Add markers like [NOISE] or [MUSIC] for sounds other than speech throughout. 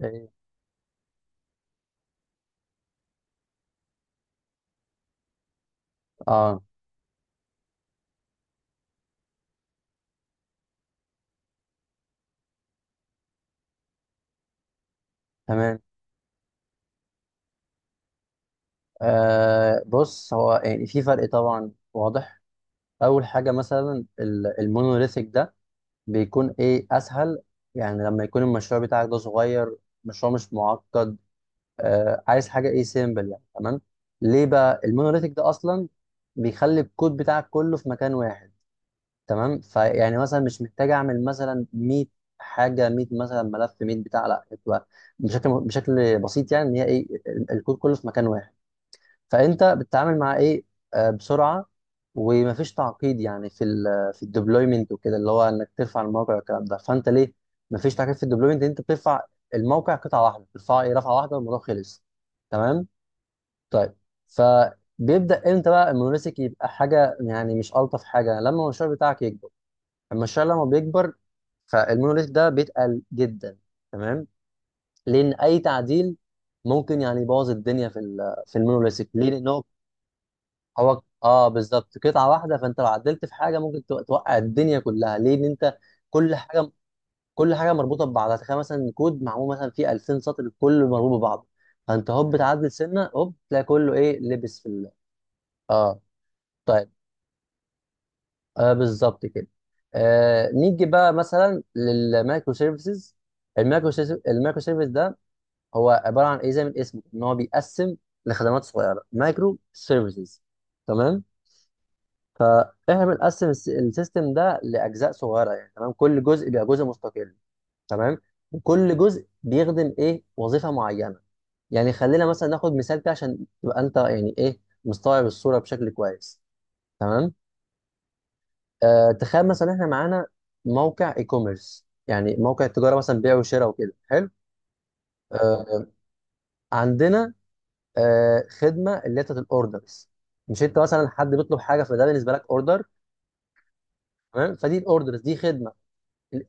ايه. اه. تمام. بص، هو يعني في فرق طبعا واضح. اول حاجه مثلا المونوليثيك ده بيكون ايه؟ اسهل. يعني لما يكون المشروع بتاعك ده صغير، مشروع مش معقد، عايز حاجه ايه؟ سيمبل يعني. تمام. ليه بقى المونوليثيك ده اصلا؟ بيخلي الكود بتاعك كله في مكان واحد. تمام، فيعني مثلا مش محتاج اعمل مثلا 100 حاجه، 100 مثلا ملف، 100 بتاع، لا بتبقى بشكل بسيط، يعني ان هي ايه؟ الكود كله في مكان واحد. فانت بتتعامل مع ايه؟ بسرعه ومفيش تعقيد، يعني في الديبلويمنت وكده، اللي هو انك ترفع الموقع والكلام ده، فانت ليه مفيش تعقيد في الديبلويمنت؟ انت بترفع الموقع قطعه واحده، بترفعه ايه؟ رفعه واحده والموضوع خلص. تمام. طيب، فبيبدا امتى بقى المونوليثيك يبقى حاجه يعني مش الطف حاجه؟ لما المشروع بتاعك يكبر. المشروع لما بيكبر فالمونوليث ده بيتقل جدا. تمام. لان اي تعديل ممكن يعني يبوظ الدنيا في المونوليثيك. ليه؟ لان هو بالظبط قطعه واحده، فانت لو عدلت في حاجه ممكن توقع الدنيا كلها. ليه؟ ان انت كل حاجه، مربوطه ببعضها. تخيل مثلا كود معمول مثلا فيه 2000 سطر كله مربوط ببعضه، فانت هوب تعدل سنه هوب تلاقي كله ايه؟ لبس في ال... اه. طيب، بالظبط كده. نيجي بقى مثلا للمايكرو سيرفيسز. المايكرو سيرفيس ده هو عباره عن ايه؟ زي من اسمه ان هو بيقسم لخدمات صغيره، مايكرو سيرفيسز. تمام، فاحنا بنقسم السيستم ده لاجزاء صغيره يعني. تمام، كل جزء بيبقى جزء مستقل. تمام، وكل جزء بيخدم ايه؟ وظيفه معينه. يعني خلينا مثلا ناخد مثال كده عشان تبقى انت يعني ايه؟ مستوعب الصوره بشكل كويس. تمام. تخيل مثلا احنا معانا موقع اي كوميرس، يعني موقع تجاره مثلا، بيع وشراء وكده. حلو. آه. عندنا خدمه اللي هي بتاعت الاوردرز. مش انت مثلا حد بيطلب حاجه، فده بالنسبه لك اوردر. تمام. فدي الاوردرز دي خدمه.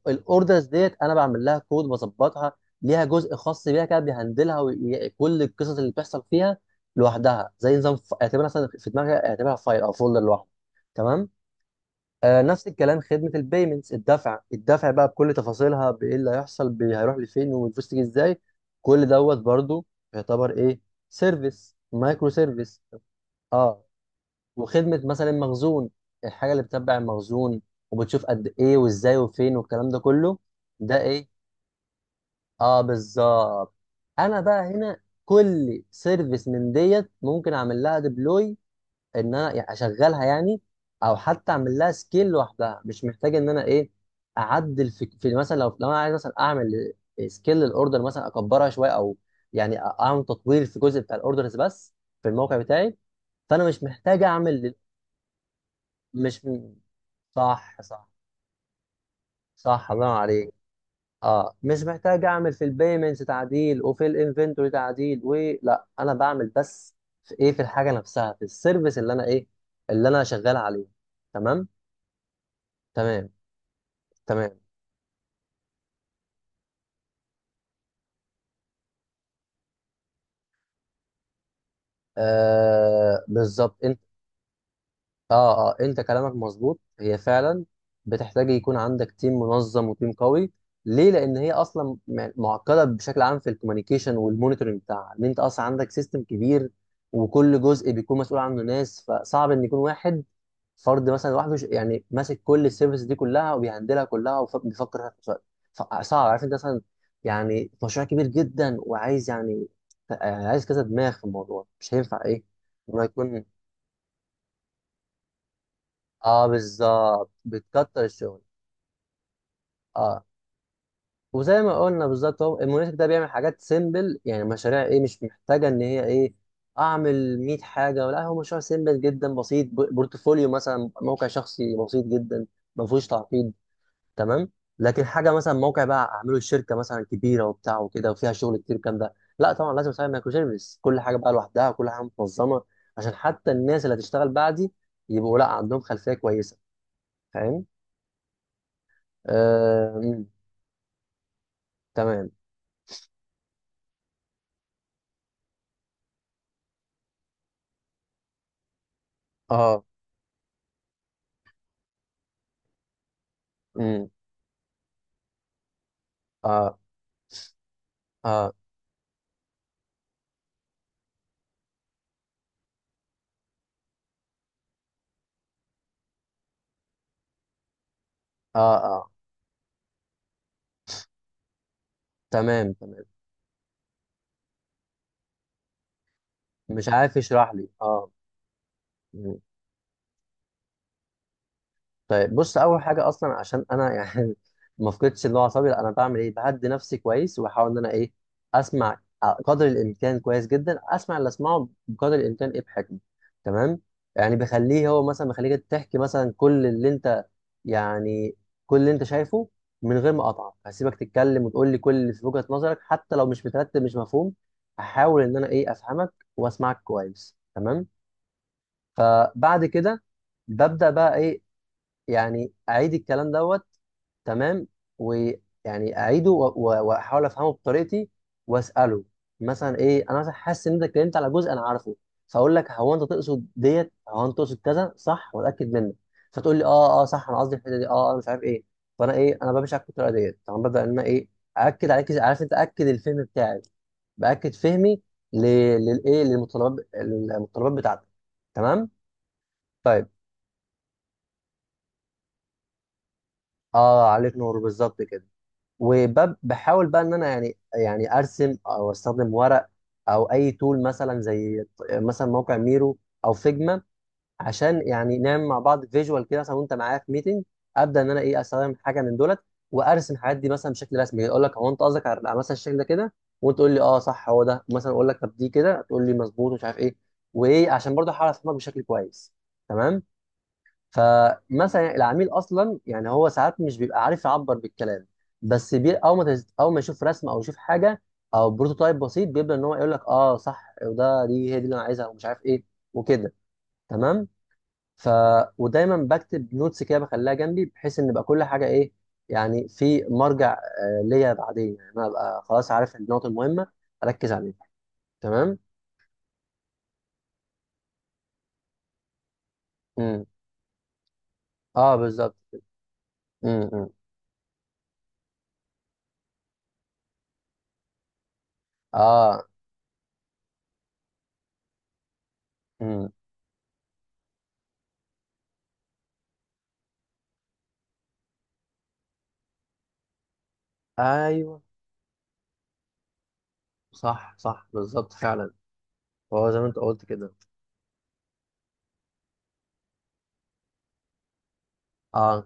الاوردرز ديت انا بعمل لها كود، بظبطها، ليها جزء خاص بيها كده بيهندلها وكل القصص اللي بتحصل فيها لوحدها، زي نظام. اعتبرها مثلا في دماغي، اعتبرها فايل او فولدر لوحده. تمام. نفس الكلام خدمه البيمنتس، الدفع. الدفع بقى بكل تفاصيلها، بايه اللي هيحصل، هيروح لفين، والفلوس تيجي ازاي. كل دوت برضو يعتبر ايه؟ سيرفيس، مايكرو سيرفيس. اه. وخدمه مثلا المخزون، الحاجه اللي بتتبع المخزون وبتشوف قد ايه وازاي وفين والكلام ده كله. ده ايه؟ اه، بالظبط. انا بقى هنا كل سيرفيس من ديت ممكن اعمل لها ديبلوي، ان انا يعني اشغلها يعني، او حتى اعمل لها سكيل لوحدها. مش محتاج ان انا ايه؟ اعدل في مثلا، لو انا عايز مثلا اعمل سكيل للاوردر مثلا، اكبرها شويه، او يعني اعمل تطوير في جزء بتاع الاوردرز بس في الموقع بتاعي. فانا مش محتاج اعمل. مش م- صح، صح. صح الله عليك. اه، مش محتاج اعمل في البيمنتس تعديل وفي الانفنتوري تعديل، ولا انا بعمل بس في ايه؟ في الحاجه نفسها، في السيرفيس اللي انا ايه؟ اللي انا شغال عليه. تمام. تمام. تمام، بالظبط. انت اه، انت كلامك مظبوط، هي فعلا بتحتاج يكون عندك تيم منظم وتيم قوي. ليه؟ لان هي اصلا معقده بشكل عام في الكوميونيكيشن والمونيتورنج بتاعها. ان انت اصلا عندك سيستم كبير، وكل جزء بيكون مسؤول عنه ناس، فصعب ان يكون واحد فرد مثلا لوحده يعني ماسك كل السيرفيس دي كلها وبيهندلها كلها وبيفكر فيها في نفس الوقت. صعب. عارف انت، مثلا يعني مشروع كبير جدا وعايز يعني عايز كذا دماغ في الموضوع، مش هينفع ايه؟ انه يكون... اه بالظبط، بتكتر الشغل. اه، وزي ما قلنا بالظبط، هو المونيتك ده بيعمل حاجات سيمبل، يعني مشاريع ايه؟ مش محتاجه ان هي ايه؟ اعمل 100 حاجه، ولا هو مشروع سيمبل جدا بسيط، بورتفوليو مثلا، موقع شخصي بسيط جدا ما فيهوش تعقيد. تمام. لكن حاجه مثلا موقع بقى اعمله الشركه مثلا كبيره وبتاع وكده وفيها شغل كتير، الكلام ده لا طبعا لازم اسوي مايكرو سيرفيس، كل حاجه بقى لوحدها، كل حاجه منظمه، عشان حتى الناس اللي هتشتغل بعدي يبقوا لا عندهم خلفيه كويسه. فاهم؟ آه... مم، تمام. اه. امم. اه اه اه اه. تمام. تمام. مش عارف يشرح لي. اه. طيب بص، اول حاجه اصلا عشان انا [LAUGHS] يعني ما افقدش اللي هو اعصابي لا، انا بعمل ايه؟ بهدي نفسي كويس، واحاول ان انا ايه؟ اسمع قدر الامكان كويس جدا. اسمع اللي اسمعه بقدر الامكان ايه؟ بحكمه. تمام. يعني بخليه هو مثلا، بخليك تحكي مثلا كل اللي انت يعني كل اللي انت شايفه، من غير ما اقطعك هسيبك تتكلم وتقول لي كل اللي في وجهه نظرك، حتى لو مش مترتب مش مفهوم. هحاول ان انا ايه؟ افهمك واسمعك كويس. تمام. فبعد كده ببدا بقى ايه؟ يعني اعيد الكلام دوت. تمام، ويعني اعيده واحاول افهمه بطريقتي، واساله مثلا ايه؟ انا مثلا حاسس ان انت اتكلمت على جزء انا عارفه، فاقول لك هو انت تقصد ديت، هو انت تقصد كذا صح، واتاكد منك. فتقول لي اه صح، انا قصدي الحته دي، اه انا مش عارف ايه. فانا ايه؟ انا بمشي على الطريقه ديت طبعا. ببدا ان انا ايه؟ اكد عليك. عارف انت، اكد الفهم بتاعي، باكد فهمي ل- للايه؟ للمتطلبات، المتطلبات بتاعتك. تمام. طيب. اه، عليك نور بالظبط كده. وبحاول بقى ان انا يعني ارسم او استخدم ورق، او اي تول مثلا زي مثلا موقع ميرو او فيجما، عشان يعني نعمل مع بعض فيجوال كده مثلا، وانت معايا في ميتنج. ابدا ان انا ايه؟ استخدم حاجه من دولت، وارسم الحاجات دي مثلا بشكل رسمي، اقول لك هو انت قصدك على على مثلا الشكل ده كده؟ وانت تقول لي اه صح، هو ده مثلا. اقول لك طب دي كده، تقول لي مظبوط ومش عارف ايه، وايه، عشان برضه احاول افهمك بشكل كويس. تمام. فمثلا العميل اصلا، يعني هو ساعات مش بيبقى عارف يعبر بالكلام، بس بي او ما تز... او ما يشوف رسمه او يشوف حاجه او بروتوتايب بسيط، بيبدا ان هو يقول لك اه صح، دي هي دي اللي انا عايزها، ومش عارف ايه وكده. تمام. ف، ودايما بكتب نوتس كده بخليها جنبي، بحيث ان يبقى كل حاجه ايه؟ يعني في مرجع ليا بعدين، يعني انا ابقى خلاص عارف النقط المهمه، اركز عليها. تمام. امم. اه، بالظبط. امم. اه. امم. ايوه. صح، صح، بالظبط فعلا. هو زي ما انت قلت كده. اه.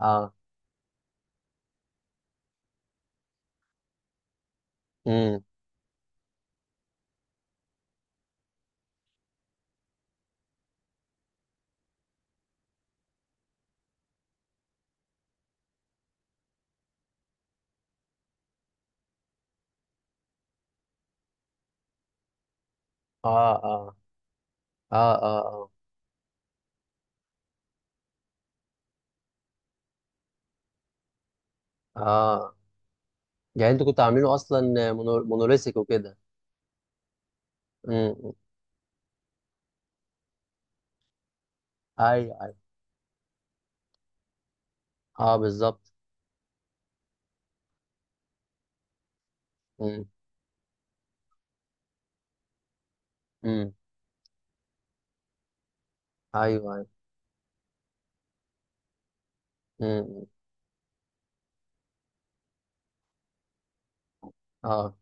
اه. امم. اه اه اه اه اه اه. يعني انتوا كنتوا عاملينه اصلا مونوليثيك وكده. امم. ايوه، ايوه. اه بالظبط. امم. امم. ايوه، ايوه. امم. اه.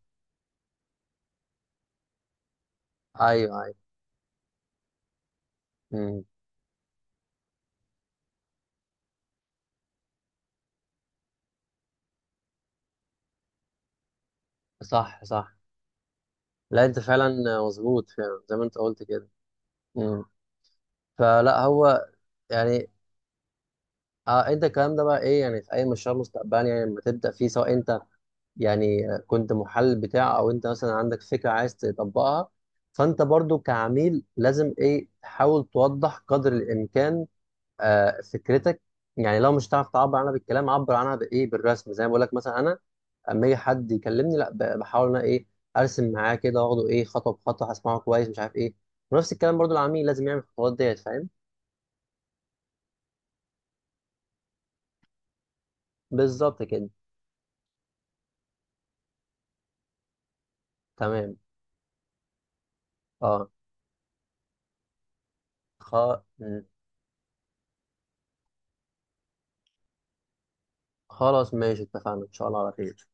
ايوه، ايوه. امم. صح، صح. لا انت فعلا مظبوط فعلا زي ما انت قلت كده. امم. فلا هو يعني. اه، انت الكلام ده بقى ايه؟ يعني في اي مشروع مستقبلي، يعني لما تبدا فيه، سواء انت يعني كنت محل بتاع، او انت مثلا عندك فكره عايز تطبقها، فانت برضو كعميل لازم ايه؟ تحاول توضح قدر الامكان فكرتك. يعني لو مش هتعرف تعبر عنها بالكلام، عبر عنها بايه؟ بالرسم. زي ما بقول لك مثلا انا، اما يجي حد يكلمني لا، بحاول انا ايه؟ ارسم معاه كده، واخده ايه؟ خطوه بخطوه، هسمعه كويس مش عارف ايه. ونفس الكلام برضو العميل لازم يعمل الخطوات ديت. فاهم؟ بالظبط كده. تمام. اه. خ... م. خلاص ماشي، اتفقنا، ان شاء الله على خير.